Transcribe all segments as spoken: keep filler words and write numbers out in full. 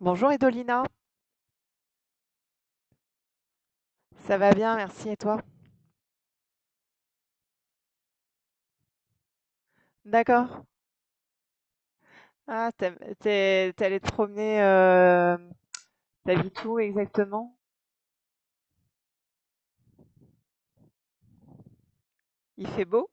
Bonjour Edolina, ça va bien, merci et toi? D'accord. Ah, t'aimes- t'es, t'es allée te promener, euh, t'habites où exactement? Il fait beau?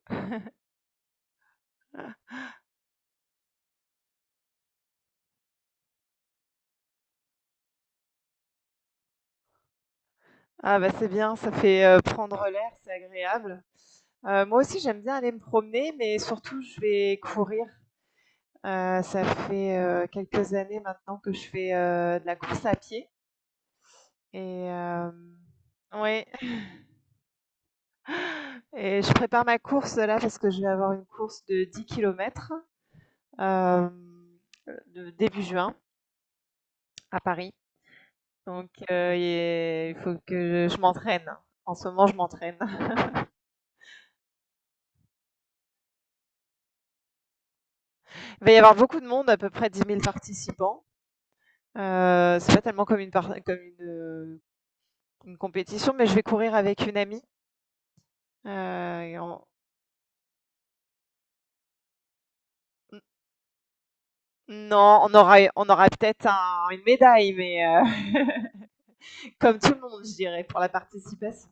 Ah bah c'est bien, ça fait euh, prendre l'air, c'est agréable. Euh, moi aussi j'aime bien aller me promener, mais surtout je vais courir. Euh, ça fait euh, quelques années maintenant que je fais euh, de la course à pied. Et euh, ouais, et je prépare ma course là parce que je vais avoir une course de dix kilomètres, euh, de- début juin à Paris. Donc, euh, et il faut que je m'entraîne. En ce moment, je m'entraîne. Il va y avoir beaucoup de monde, à peu près dix mille participants. Euh, c'est pas tellement comme une, par- comme une, euh, une compétition, mais je vais courir avec une amie. Euh, et on- Non, on aura, on aura peut-être un- une médaille, mais euh, comme tout le monde, je dirais, pour la participation.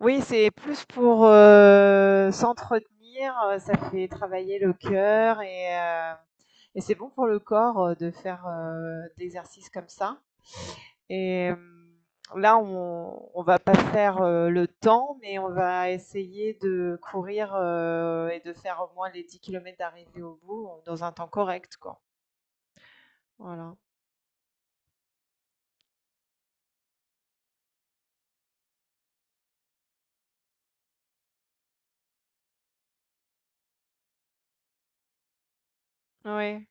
Oui, c'est plus pour, heu, s'entretenir, heu, ça fait travailler le cœur et heu et c'est bon pour le corps, heu, de faire, heu, d'exercices comme ça et hem, là, on on va pas faire, heu, le temps, mais on va essayer de courir, heu et de faire au moins les dix kilomètres d'arrivée au bout, euh, dans un temps correct, quoi. Voilà. Oui.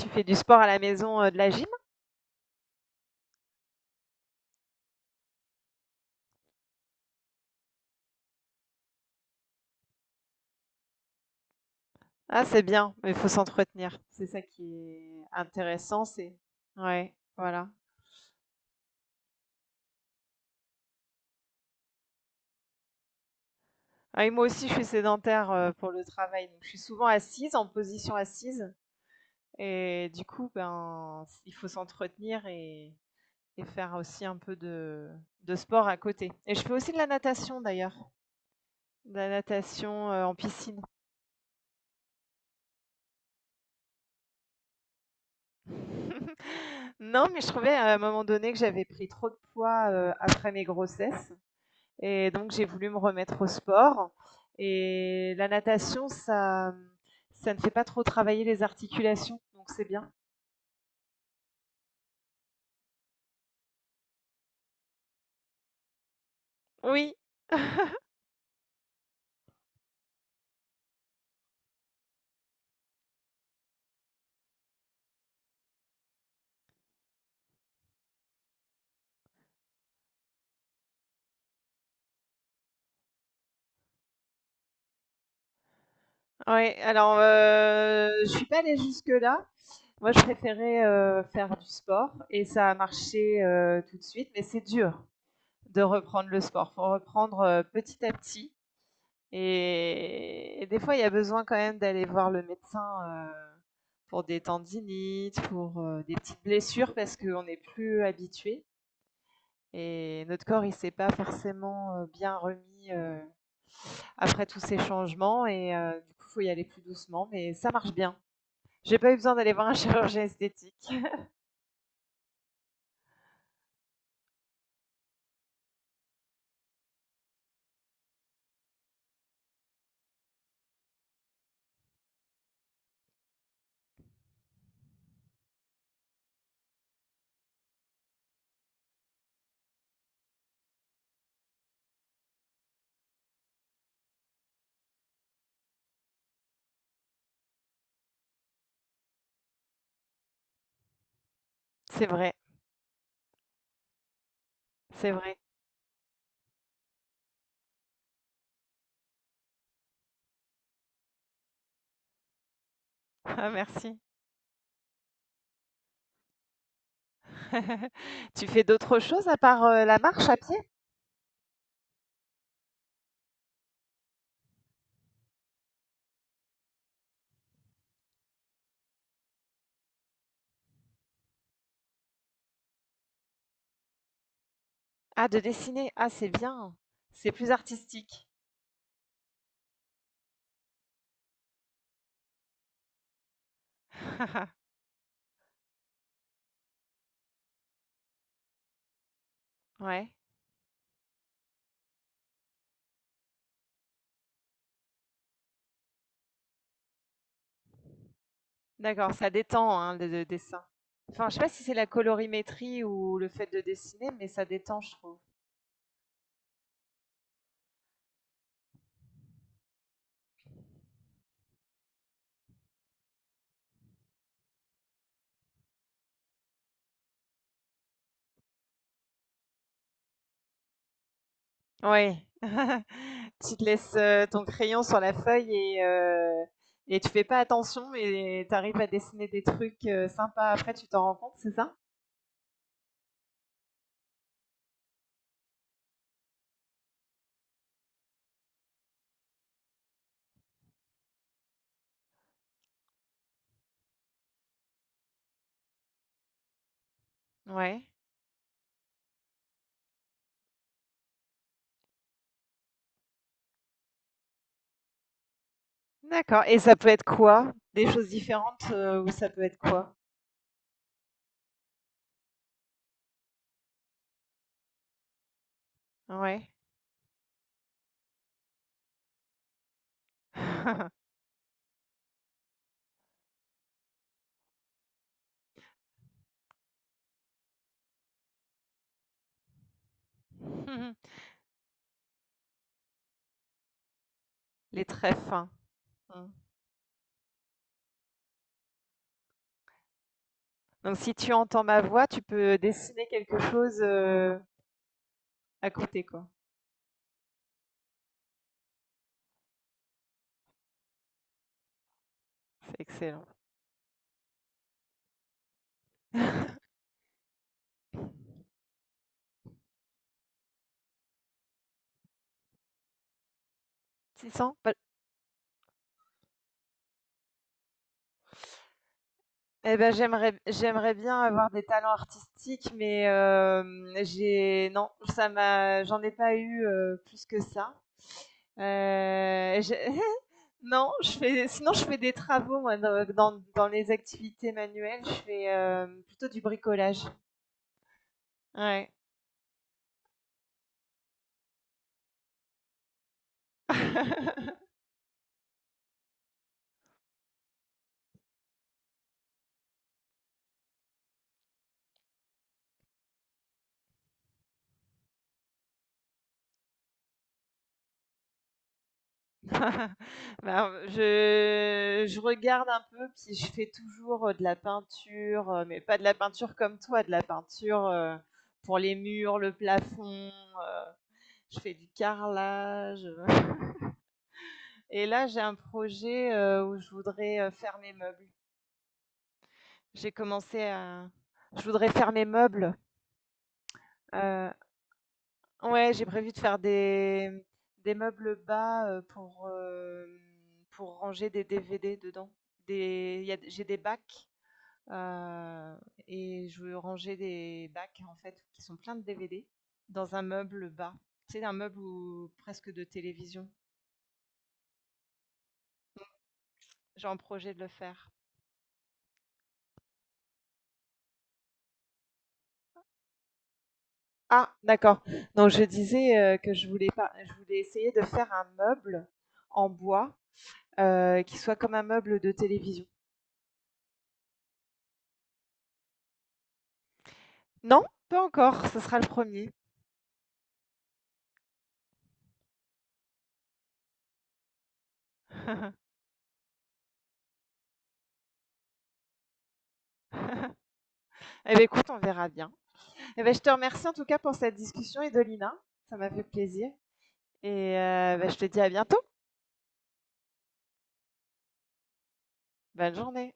Tu fais du sport à la maison, heu, de la gym? Ah, c'est bien, mais il faut s'entretenir. C'est ça qui est intéressant, c'est, ouais, voilà. Ah, et moi aussi, je suis sédentaire euh, pour le travail, donc je suis souvent assise, en position assise, et du coup, ben, il faut s'entretenir et, et faire aussi un peu de, de sport à côté. Et je fais aussi de la natation d'ailleurs, de la natation euh, en piscine. Non, mais je trouvais à un moment donné que j'avais pris trop de poids euh, après mes grossesses. Et donc, j'ai voulu me remettre au sport. Et la natation, ça, ça ne fait pas trop travailler les articulations, donc c'est bien. Oui. Ouais, alors euh, je suis pas allée jusque-là. Moi, je préférais euh, faire du sport et ça a marché euh, tout de suite, mais c'est dur de reprendre le sport. Faut reprendre euh, petit à petit. Et, et des fois, il y a besoin quand même d'aller voir le médecin euh, pour des tendinites, pour euh, des petites blessures, parce qu'on n'est plus habitué. Et notre corps, il ne s'est pas forcément euh, bien remis euh, après tous ces changements. Et euh, du coup, il faut y aller plus doucement, mais ça marche bien. J'ai pas eu besoin d'aller voir un chirurgien esthétique. C'est vrai, c'est vrai. Ah, merci. Tu fais d'autres choses à part euh, la marche à pied? Ah, de dessiner. Ah, c'est bien. C'est plus artistique. Ouais, d'accord, ça détend, hein, le le dessin. Enfin, je sais pas si c'est la colorimétrie ou le fait de dessiner, mais ça détend, je trouve. Oui. Tu te laisses, heu, ton crayon sur la feuille et heu et tu fais pas attention et tu arrives à dessiner des trucs, heu, sympas, après tu t'en rends compte, c'est ça? Ouais, d'accord, et ça peut être quoi? Des choses différentes, heu, ou ça peut être quoi? Ouais. Les très fins. Mmh. Donc si tu entends ma voix, tu peux euh, dessiner quelque chose euh, à côté, quoi. C'est excellent. six cents Pas- Eh ben, j'aimerais j'aimerais bien avoir des talents artistiques, mais euh, j'ai non, ça m'a j'en ai pas eu euh, plus que ça. Euh, j'ai- non, je fais, sinon je fais des travaux moi dans, dans- dans les activités manuelles, je fais euh, plutôt du bricolage. Ouais. Bah, je je regarde un peu, puis je fais toujours, heu, de la peinture, heu, mais pas de la peinture comme toi, de la peinture, heu, pour les murs, le plafond, heu, je fais du carrelage, et là, j'ai un projet, heu, où je voudrais, heu, faire mes meubles. J'ai commencé à je voudrais faire mes meubles, heu ouais, j'ai prévu de faire des, mmh, des meubles bas, heu, pour, hem, pour ranger des D V D dedans. Des il y a J'ai des bacs. Euh, et je veux ranger des bacs en fait qui sont pleins de D V D dans un meuble bas. C'est un meuble où- presque de télévision. J'ai un projet de le faire. Ah, d'accord. Donc je disais euh, que je voulais pas, je voulais essayer de faire un meuble en bois euh, qui soit comme un meuble de télévision. Non, pas encore. Ce sera le premier. Eh bien, écoute, on verra bien. Eh ben, je te remercie en tout cas pour cette discussion, Edolina. Ça m'a fait plaisir. Et euh, ben, je te dis à bientôt. Bonne journée.